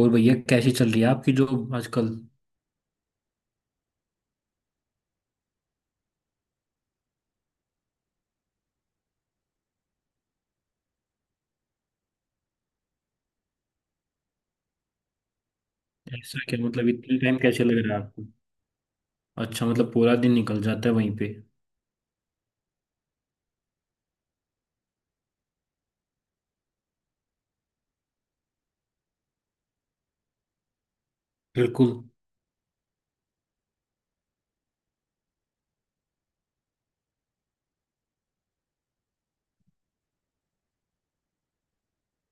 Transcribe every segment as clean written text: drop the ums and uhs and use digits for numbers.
और भैया, कैसी चल रही है आपकी जॉब आजकल? ऐसा क्या? मतलब इतने टाइम कैसे लग रहा है आपको? अच्छा, मतलब पूरा दिन निकल जाता है वहीं पे। बिल्कुल।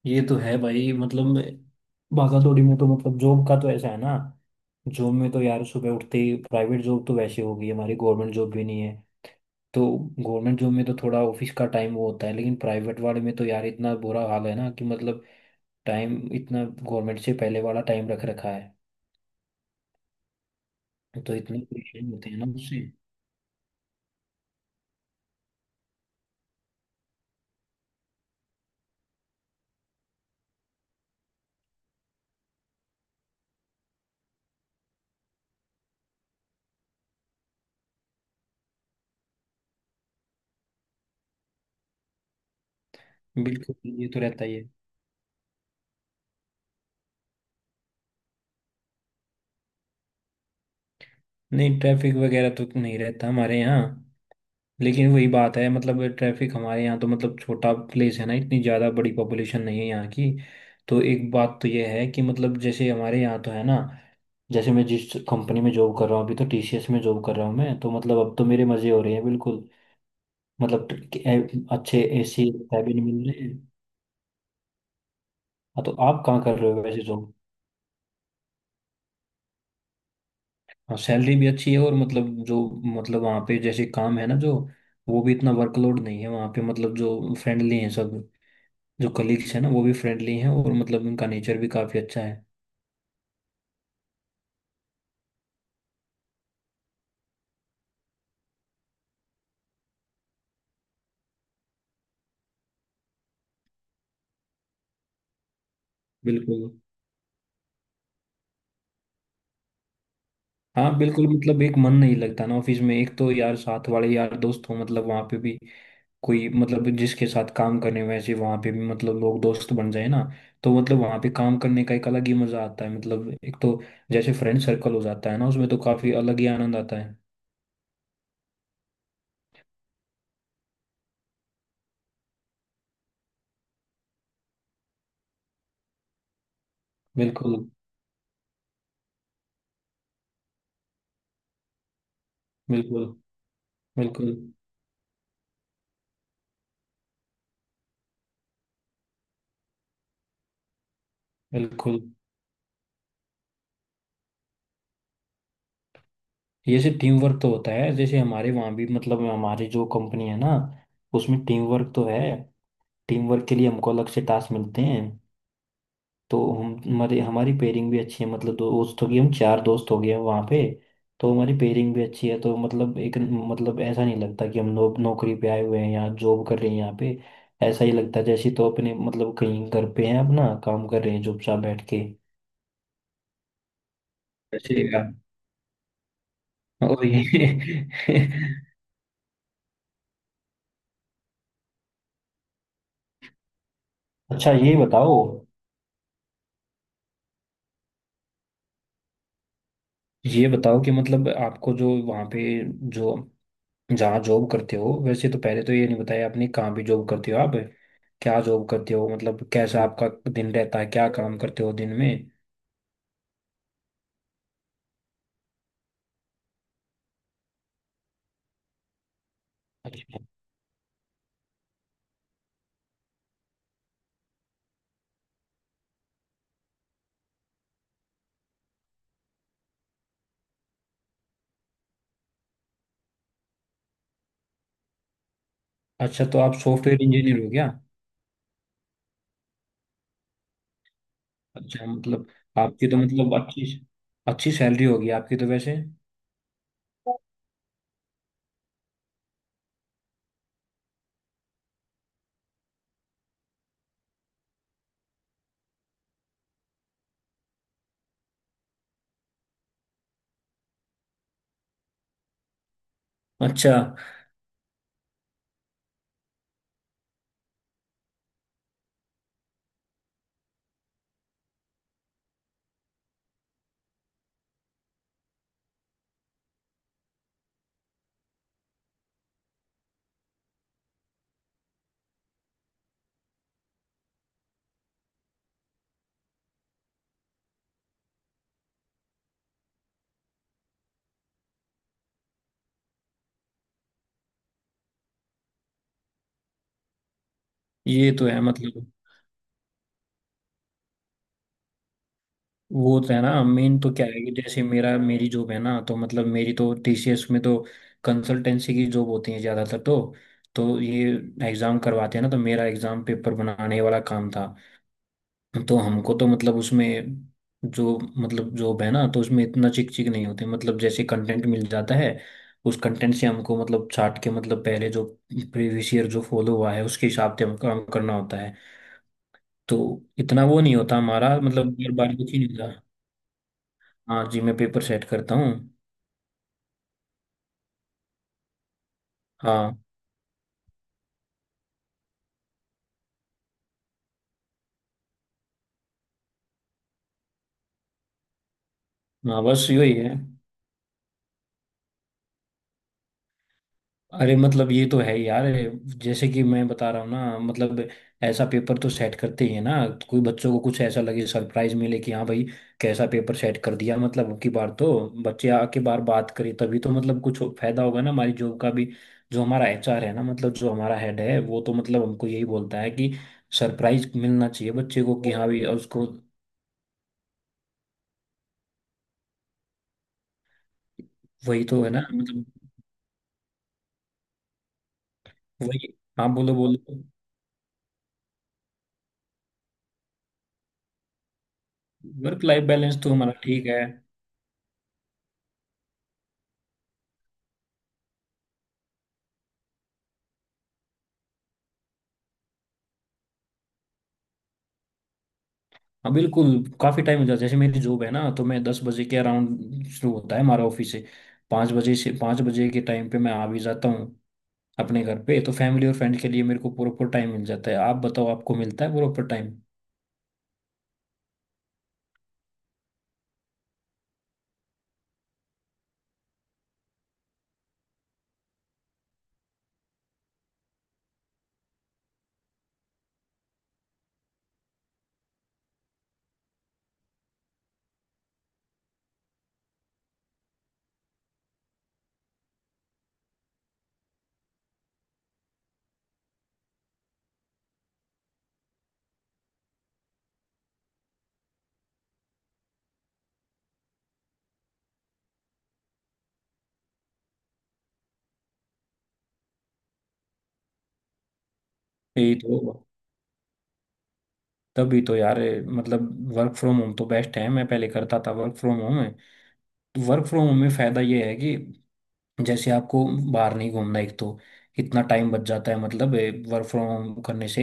ये तो है भाई। मतलब भागा दौड़ी में तो मतलब जॉब का तो ऐसा है ना। जॉब में तो यार सुबह उठते ही, प्राइवेट जॉब तो वैसे हो गई हमारी, गवर्नमेंट जॉब भी नहीं है तो। गवर्नमेंट जॉब में तो थोड़ा ऑफिस का टाइम वो होता है, लेकिन प्राइवेट वाले में तो यार इतना बुरा हाल है ना कि मतलब टाइम इतना गवर्नमेंट से पहले वाला टाइम रख रखा है। तो इतने परेशान होते हैं ना उससे। बिल्कुल। ये तो रहता ही है। नहीं, ट्रैफिक वगैरह तो नहीं रहता हमारे यहाँ। लेकिन वही बात है, मतलब ट्रैफिक हमारे यहाँ तो मतलब, छोटा प्लेस है ना, इतनी ज़्यादा बड़ी पॉपुलेशन नहीं है यहाँ की। तो एक बात तो ये है कि मतलब जैसे हमारे यहाँ तो है ना, जैसे मैं जिस कंपनी में जॉब कर रहा हूँ अभी, तो टीसीएस में जॉब कर रहा हूँ मैं तो, मतलब अब तो मेरे मज़े हो रहे हैं बिल्कुल। मतलब अच्छे एसी कैबिन मिल रहे हैं। हाँ, तो आप कहाँ कर रहे हो वैसे? हाँ, सैलरी भी अच्छी है और मतलब जो, मतलब वहाँ पे जैसे काम है ना जो, वो भी इतना वर्कलोड नहीं है वहाँ पे। मतलब जो फ्रेंडली हैं सब, जो कलीग्स हैं ना वो भी फ्रेंडली हैं, और मतलब उनका नेचर भी काफ़ी अच्छा है। बिल्कुल। हाँ बिल्कुल, मतलब एक मन नहीं लगता ना ऑफिस में। एक तो यार साथ वाले यार दोस्त हो, मतलब वहाँ पे भी कोई मतलब जिसके साथ काम करने, वैसे वहाँ पे भी मतलब लोग दोस्त बन जाए ना, तो मतलब वहाँ पे काम करने का एक अलग ही मजा आता है। मतलब एक तो जैसे फ्रेंड सर्कल हो जाता है ना, उसमें तो काफ़ी अलग ही आनंद आता है। बिल्कुल। बिल्कुल। बिल्कुल। बिल्कुल। जैसे टीम वर्क तो होता है, जैसे हमारे वहाँ भी मतलब हमारी जो कंपनी है ना, उसमें टीम वर्क तो है। टीम वर्क के लिए हमको अलग से टास्क मिलते हैं। तो हम हमारे हमारी पेयरिंग भी अच्छी है, मतलब दोस्त हो गए, हम चार दोस्त हो गए हैं वहाँ पे। तो हमारी पेयरिंग भी अच्छी है, तो मतलब एक मतलब ऐसा नहीं लगता कि हम नौकरी पे आए हुए हैं या जॉब कर रहे हैं यहाँ पे। ऐसा ही लगता है जैसे तो अपने मतलब कहीं घर पे हैं, अपना काम कर रहे हैं चुपचाप बैठ के। वैसे ही है। और ये अच्छा ये बताओ, ये बताओ कि मतलब आपको जो वहाँ पे जो जहाँ जॉब करते हो, वैसे तो पहले तो ये नहीं बताया आपने कहाँ भी जॉब करते हो आप, क्या जॉब करते हो, मतलब कैसा आपका दिन रहता है, क्या काम करते हो दिन में? अच्छा। अच्छा, तो आप सॉफ्टवेयर इंजीनियर हो गया। अच्छा मतलब आपकी तो मतलब अच्छी अच्छी सैलरी होगी आपकी तो वैसे। अच्छा। ये तो है मतलब। वो तो है ना, मेन तो क्या है कि जैसे मेरा मेरी जॉब है ना तो मतलब, मेरी तो टीसीएस में तो कंसल्टेंसी की जॉब होती है ज़्यादातर तो ये एग्ज़ाम करवाते हैं ना, तो मेरा एग्ज़ाम पेपर बनाने वाला काम था। तो हमको तो मतलब उसमें जो मतलब जॉब है ना, तो उसमें इतना चिक चिक नहीं होते। मतलब जैसे कंटेंट मिल जाता है, उस कंटेंट से हमको मतलब छाट के, मतलब पहले जो प्रीवियस ईयर जो फॉलो हुआ है उसके हिसाब से हमको काम करना होता है। तो इतना वो नहीं होता हमारा, मतलब बार बार कुछ ही नहीं होता। हाँ जी, मैं पेपर सेट करता हूँ। हाँ। हाँ बस यही है। अरे मतलब ये तो है ही यार, जैसे कि मैं बता रहा हूँ ना मतलब, ऐसा पेपर तो सेट करते ही है ना, कोई बच्चों को कुछ ऐसा लगे, सरप्राइज मिले कि हाँ भाई, कैसा पेपर सेट कर दिया। मतलब की बार तो बच्चे आके बार बात करें तभी तो मतलब कुछ फायदा होगा ना हमारी जॉब का भी। जो हमारा एचआर है ना, मतलब जो हमारा हेड है, वो तो मतलब हमको यही बोलता है कि सरप्राइज मिलना चाहिए बच्चे को कि हाँ भाई उसको। वही तो है ना मतलब। वही। हाँ बोलो बोलो। वर्क लाइफ बैलेंस तो हमारा ठीक है। हाँ बिल्कुल। काफ़ी टाइम हो जाता है, जैसे मेरी जॉब है ना तो मैं 10 बजे के अराउंड शुरू होता है हमारा ऑफिस से। 5 बजे से 5 बजे के टाइम पे मैं आ भी जाता हूँ अपने घर पे। तो फैमिली और फ्रेंड के लिए मेरे को प्रॉपर टाइम मिल जाता है। आप बताओ आपको मिलता है प्रॉपर टाइम? यही तो, तभी तो यार मतलब। वर्क फ्रॉम होम तो बेस्ट है, मैं पहले करता था, वर्क फ्रॉम होम है। तो वर्क फ्रॉम होम में फ़ायदा ये है कि जैसे आपको बाहर नहीं घूमना एक तो, इतना टाइम बच जाता है मतलब वर्क फ्रॉम होम करने से।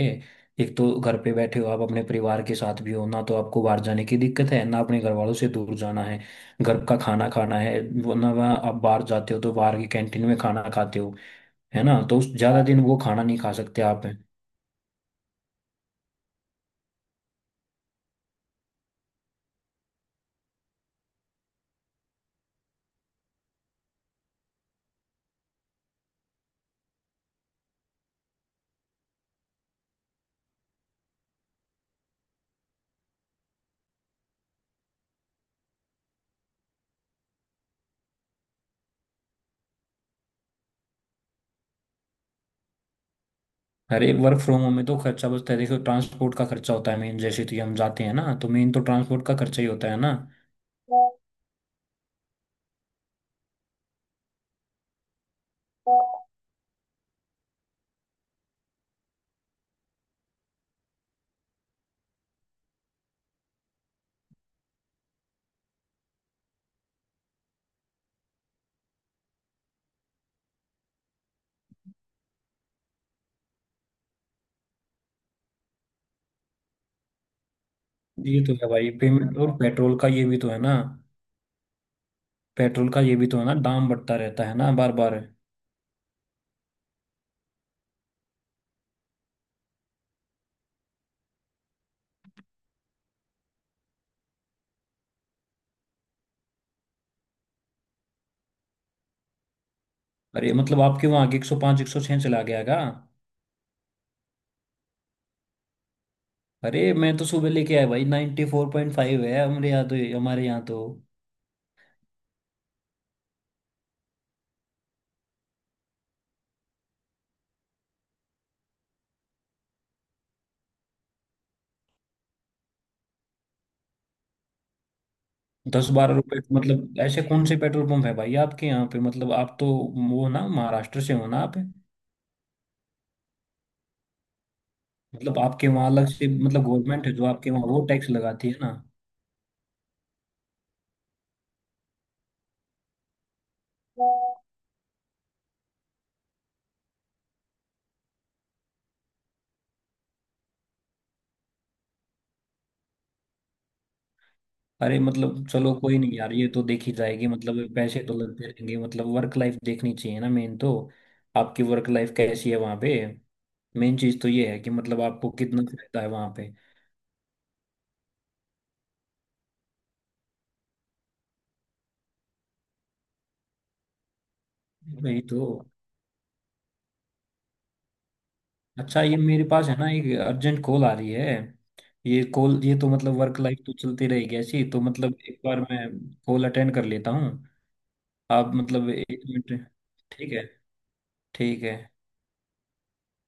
एक तो घर पे बैठे हो आप अपने परिवार के साथ भी हो ना, तो आपको बाहर जाने की दिक्कत है ना, अपने घर वालों से दूर जाना है। घर का खाना खाना है वो ना, वहाँ आप बाहर जाते हो तो बाहर की कैंटीन में खाना खाते हो, है ना, तो ज्यादा दिन वो खाना नहीं खा सकते आप। अरे वर्क फ्रॉम होम में तो खर्चा बचता है, देखो ट्रांसपोर्ट का खर्चा होता है मेन, जैसे कि हम जाते हैं ना तो मेन तो ट्रांसपोर्ट का खर्चा ही होता है ना। ये तो है भाई, पेमेंट और पेट्रोल का ये भी तो है ना, पेट्रोल का ये भी तो है ना, दाम बढ़ता रहता है ना बार बार। अरे मतलब आपके वहाँ के 105 106 चला गया का? अरे मैं तो सुबह लेके आया भाई, 94.5 है हमारे यहाँ तो। हमारे यहाँ तो 10-12 रुपए, मतलब ऐसे कौन से पेट्रोल पंप है भाई आपके यहाँ पे, मतलब आप तो वो ना महाराष्ट्र से हो ना आप? मतलब आपके वहाँ अलग से मतलब गवर्नमेंट है जो आपके वहाँ वो टैक्स लगाती है ना? अरे मतलब चलो कोई नहीं यार, ये तो देखी जाएगी, मतलब पैसे तो लगते रहेंगे, मतलब वर्क लाइफ देखनी चाहिए ना मेन तो। आपकी वर्क लाइफ कैसी है वहाँ पे? मेन चीज़ तो ये है कि मतलब आपको कितना फायदा है वहाँ पे। वही तो। अच्छा ये मेरे पास है ना एक अर्जेंट कॉल आ रही है, ये कॉल, ये तो मतलब वर्क लाइफ तो चलती रहेगी ऐसी तो, मतलब एक बार मैं कॉल अटेंड कर लेता हूँ। आप मतलब एक मिनट, ठीक है। ठीक है।